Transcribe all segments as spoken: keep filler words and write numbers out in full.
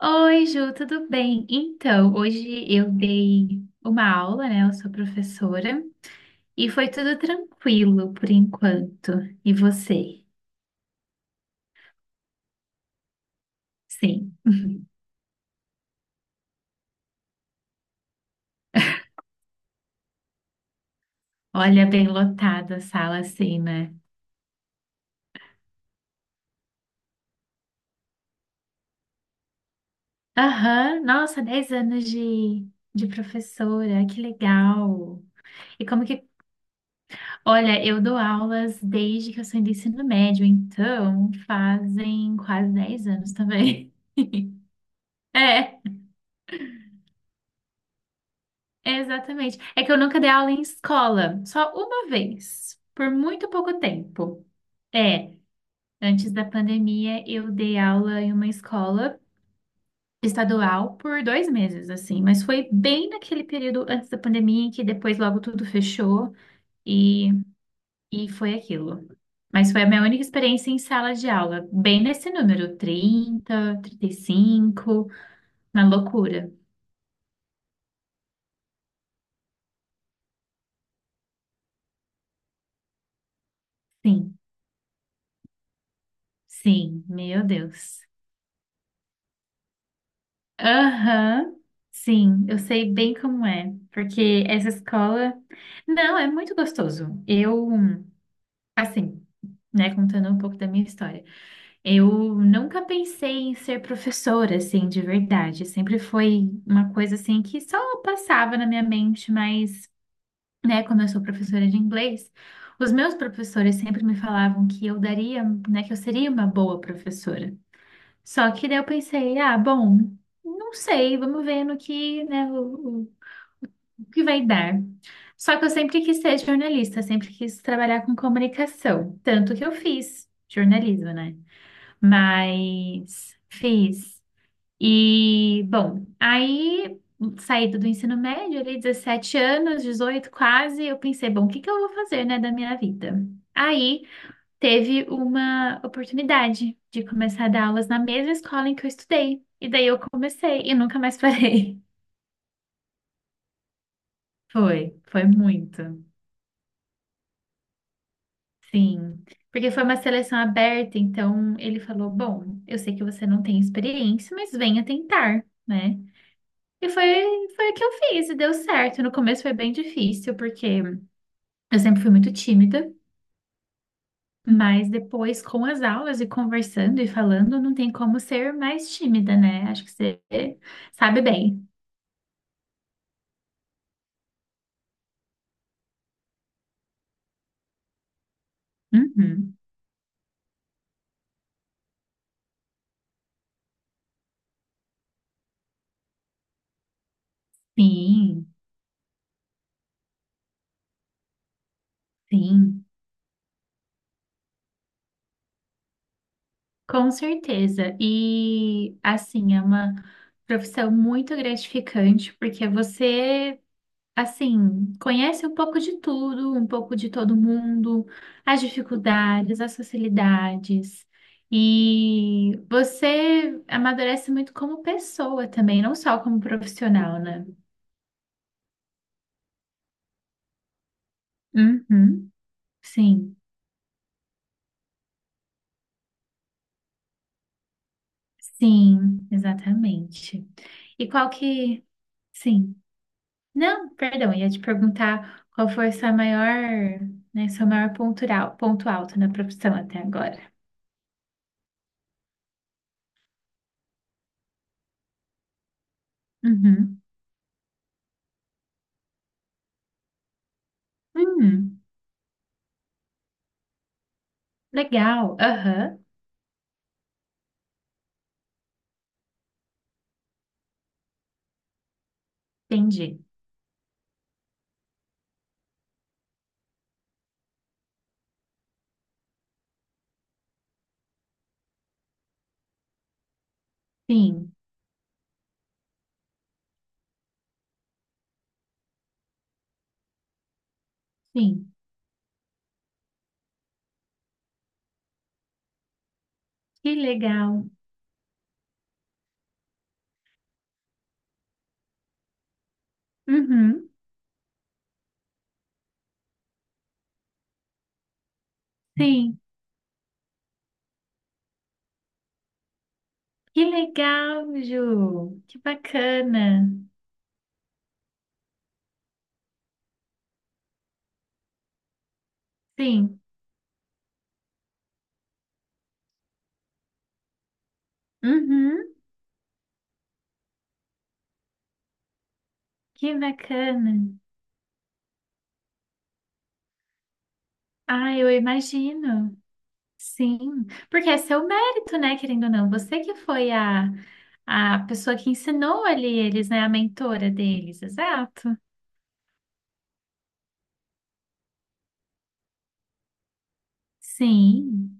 Oi, Ju, tudo bem? Então, hoje eu dei uma aula, né? Eu sou professora e foi tudo tranquilo por enquanto. E você? Sim. Olha, bem lotada a sala assim, né? Aham, nossa, dez anos de, de professora, que legal. E como que. Olha, eu dou aulas desde que eu saí do ensino médio, então fazem quase dez anos também. É. Exatamente. É que eu nunca dei aula em escola, só uma vez, por muito pouco tempo. É, antes da pandemia eu dei aula em uma escola estadual por dois meses, assim, mas foi bem naquele período antes da pandemia, em que depois logo tudo fechou e, e foi aquilo. Mas foi a minha única experiência em sala de aula, bem nesse número, trinta, trinta e cinco, na loucura. Sim, sim, meu Deus. Aham, sim, eu sei bem como é, porque essa escola, não, é muito gostoso. Eu, assim, né, contando um pouco da minha história, eu nunca pensei em ser professora, assim, de verdade. Sempre foi uma coisa, assim, que só passava na minha mente, mas, né, como eu sou professora de inglês, os meus professores sempre me falavam que eu daria, né, que eu seria uma boa professora. Só que daí eu pensei, ah, bom, não sei, vamos ver no que, né, o, o- o que vai dar. Só que eu sempre quis ser jornalista, sempre quis trabalhar com comunicação, tanto que eu fiz jornalismo, né? Mas fiz. E, bom, aí saída do ensino médio, ali dezessete anos, dezoito quase, eu pensei, bom, o que que eu vou fazer, né, da minha vida? Aí teve uma oportunidade de começar a dar aulas na mesma escola em que eu estudei. E daí eu comecei e nunca mais parei. Foi, foi muito. Sim. Porque foi uma seleção aberta, então ele falou: Bom, eu sei que você não tem experiência, mas venha tentar, né? E foi, foi o que eu fiz e deu certo. No começo foi bem difícil, porque eu sempre fui muito tímida, mas depois, com as aulas e conversando e falando, não tem como ser mais tímida, né? Acho que você sabe bem. Uhum. Sim, sim, com certeza. E assim, é uma profissão muito gratificante, porque você, assim, conhece um pouco de tudo, um pouco de todo mundo, as dificuldades, as facilidades. E você amadurece muito como pessoa também, não só como profissional, né? Uhum. Sim, sim, exatamente. E qual que. Sim. Não, perdão, ia te perguntar qual foi sua maior, né, seu maior ponto, al- ponto alto na profissão até agora. Uhum. Hum, legal. Aham, entendi. Sim, sim. Que legal. Uhum, sim. Que legal, Ju. Que bacana. Sim. Uhum, que bacana. Ah, eu imagino. Sim, porque é seu mérito, né, querendo ou não. Você que foi a, a pessoa que ensinou ali eles, né, a mentora deles, exato. Sim.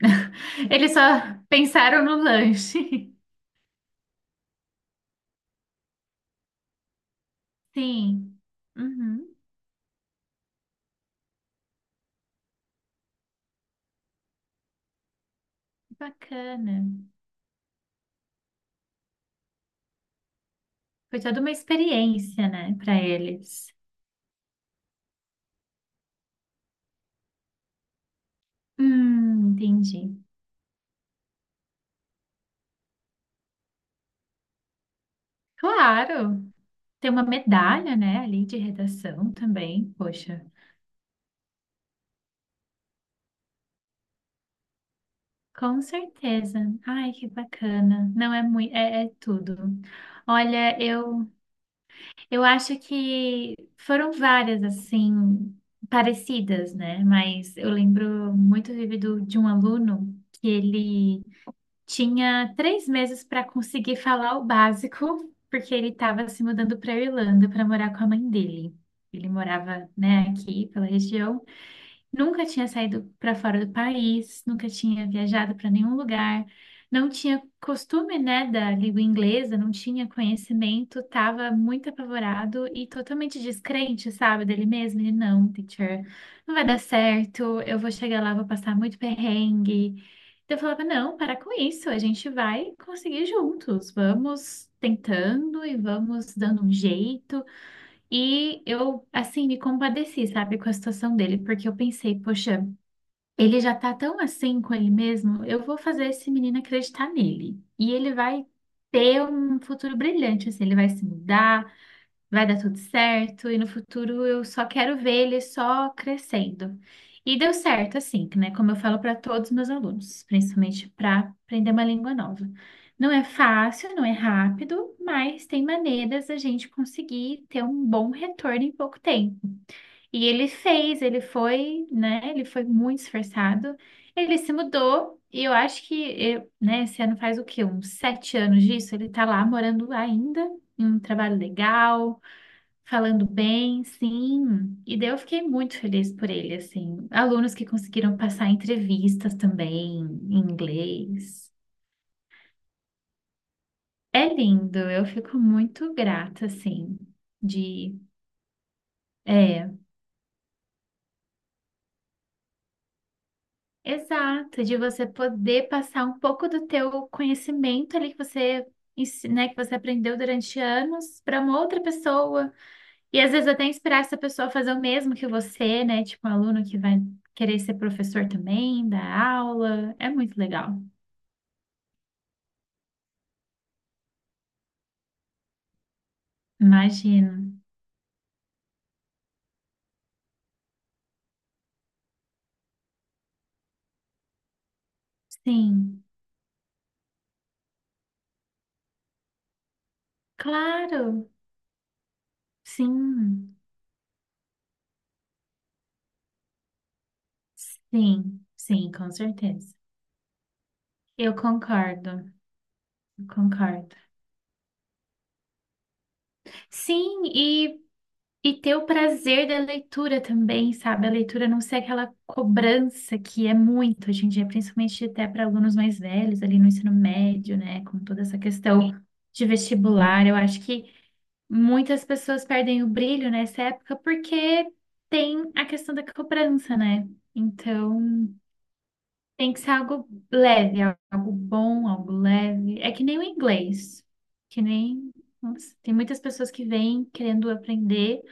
Eles só pensaram no lanche. Sim. Uhum. Bacana. Foi toda uma experiência, né, para eles. Hum, entendi. Claro. Tem uma medalha, né, ali de redação também. Poxa. Com certeza. Ai, que bacana. Não é muito, é, é tudo. Olha, eu eu acho que foram várias assim parecidas, né? Mas eu lembro muito vívido de um aluno que ele tinha três meses para conseguir falar o básico, porque ele estava se mudando para a Irlanda para morar com a mãe dele. Ele morava, né, aqui pela região. Nunca tinha saído para fora do país, nunca tinha viajado para nenhum lugar, não tinha costume, né, da língua inglesa, não tinha conhecimento, estava muito apavorado e totalmente descrente, sabe, dele mesmo. Ele, não, teacher, não vai dar certo, eu vou chegar lá, vou passar muito perrengue. Então eu falava, não, para com isso, a gente vai conseguir juntos, vamos tentando e vamos dando um jeito. E eu, assim, me compadeci, sabe, com a situação dele, porque eu pensei, poxa. Ele já tá tão assim com ele mesmo, eu vou fazer esse menino acreditar nele. E ele vai ter um futuro brilhante, assim, ele vai se mudar, vai dar tudo certo, e no futuro eu só quero ver ele só crescendo. E deu certo, assim, né? Como eu falo para todos os meus alunos, principalmente para aprender uma língua nova. Não é fácil, não é rápido, mas tem maneiras da gente conseguir ter um bom retorno em pouco tempo. E ele fez, ele foi, né? Ele foi muito esforçado. Ele se mudou e eu acho que, eu- né? Esse ano faz o quê? Uns sete anos disso. Ele tá lá morando ainda, em um trabalho legal, falando bem, sim. E daí eu fiquei muito feliz por ele, assim. Alunos que conseguiram passar entrevistas também em inglês. É lindo, eu fico muito grata, assim, de. É Exato, de você poder passar um pouco do teu conhecimento ali que você, ens- né, que você aprendeu durante anos para uma outra pessoa. E às vezes até inspirar essa pessoa a fazer o mesmo que você, né? Tipo um aluno que vai querer ser professor também, dar aula. É muito legal. Imagino. Sim, claro. Sim, sim, sim, com certeza. Eu concordo, eu concordo. Sim, e e ter o prazer da leitura também, sabe? A leitura não ser aquela cobrança que é muito hoje em dia, principalmente até para alunos mais velhos, ali no ensino médio, né? Com toda essa questão de vestibular. Eu acho que muitas pessoas perdem o brilho nessa época porque tem a questão da cobrança, né? Então, tem que ser algo leve, algo bom, algo leve. É que nem o inglês, que nem. Nossa, tem muitas pessoas que vêm querendo aprender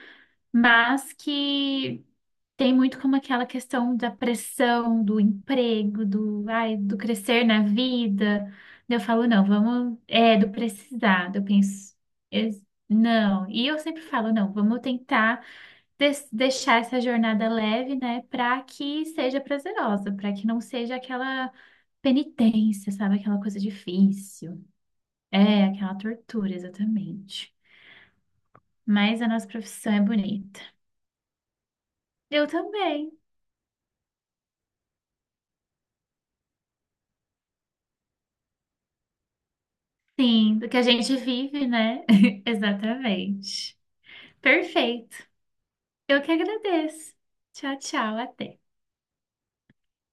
mas que tem muito como aquela questão da pressão, do emprego, do, ai, do crescer na vida. Daí eu falo, não, vamos, é, do precisado. Eu penso, es- não. E eu sempre falo, não, vamos tentar des- deixar essa jornada leve, né, para que seja prazerosa, para que não seja aquela penitência, sabe, aquela coisa difícil. É, aquela tortura, exatamente. Mas a nossa profissão é bonita. Eu também. Sim, do que a gente vive, né? Exatamente. Perfeito. Eu que agradeço. Tchau, tchau, até.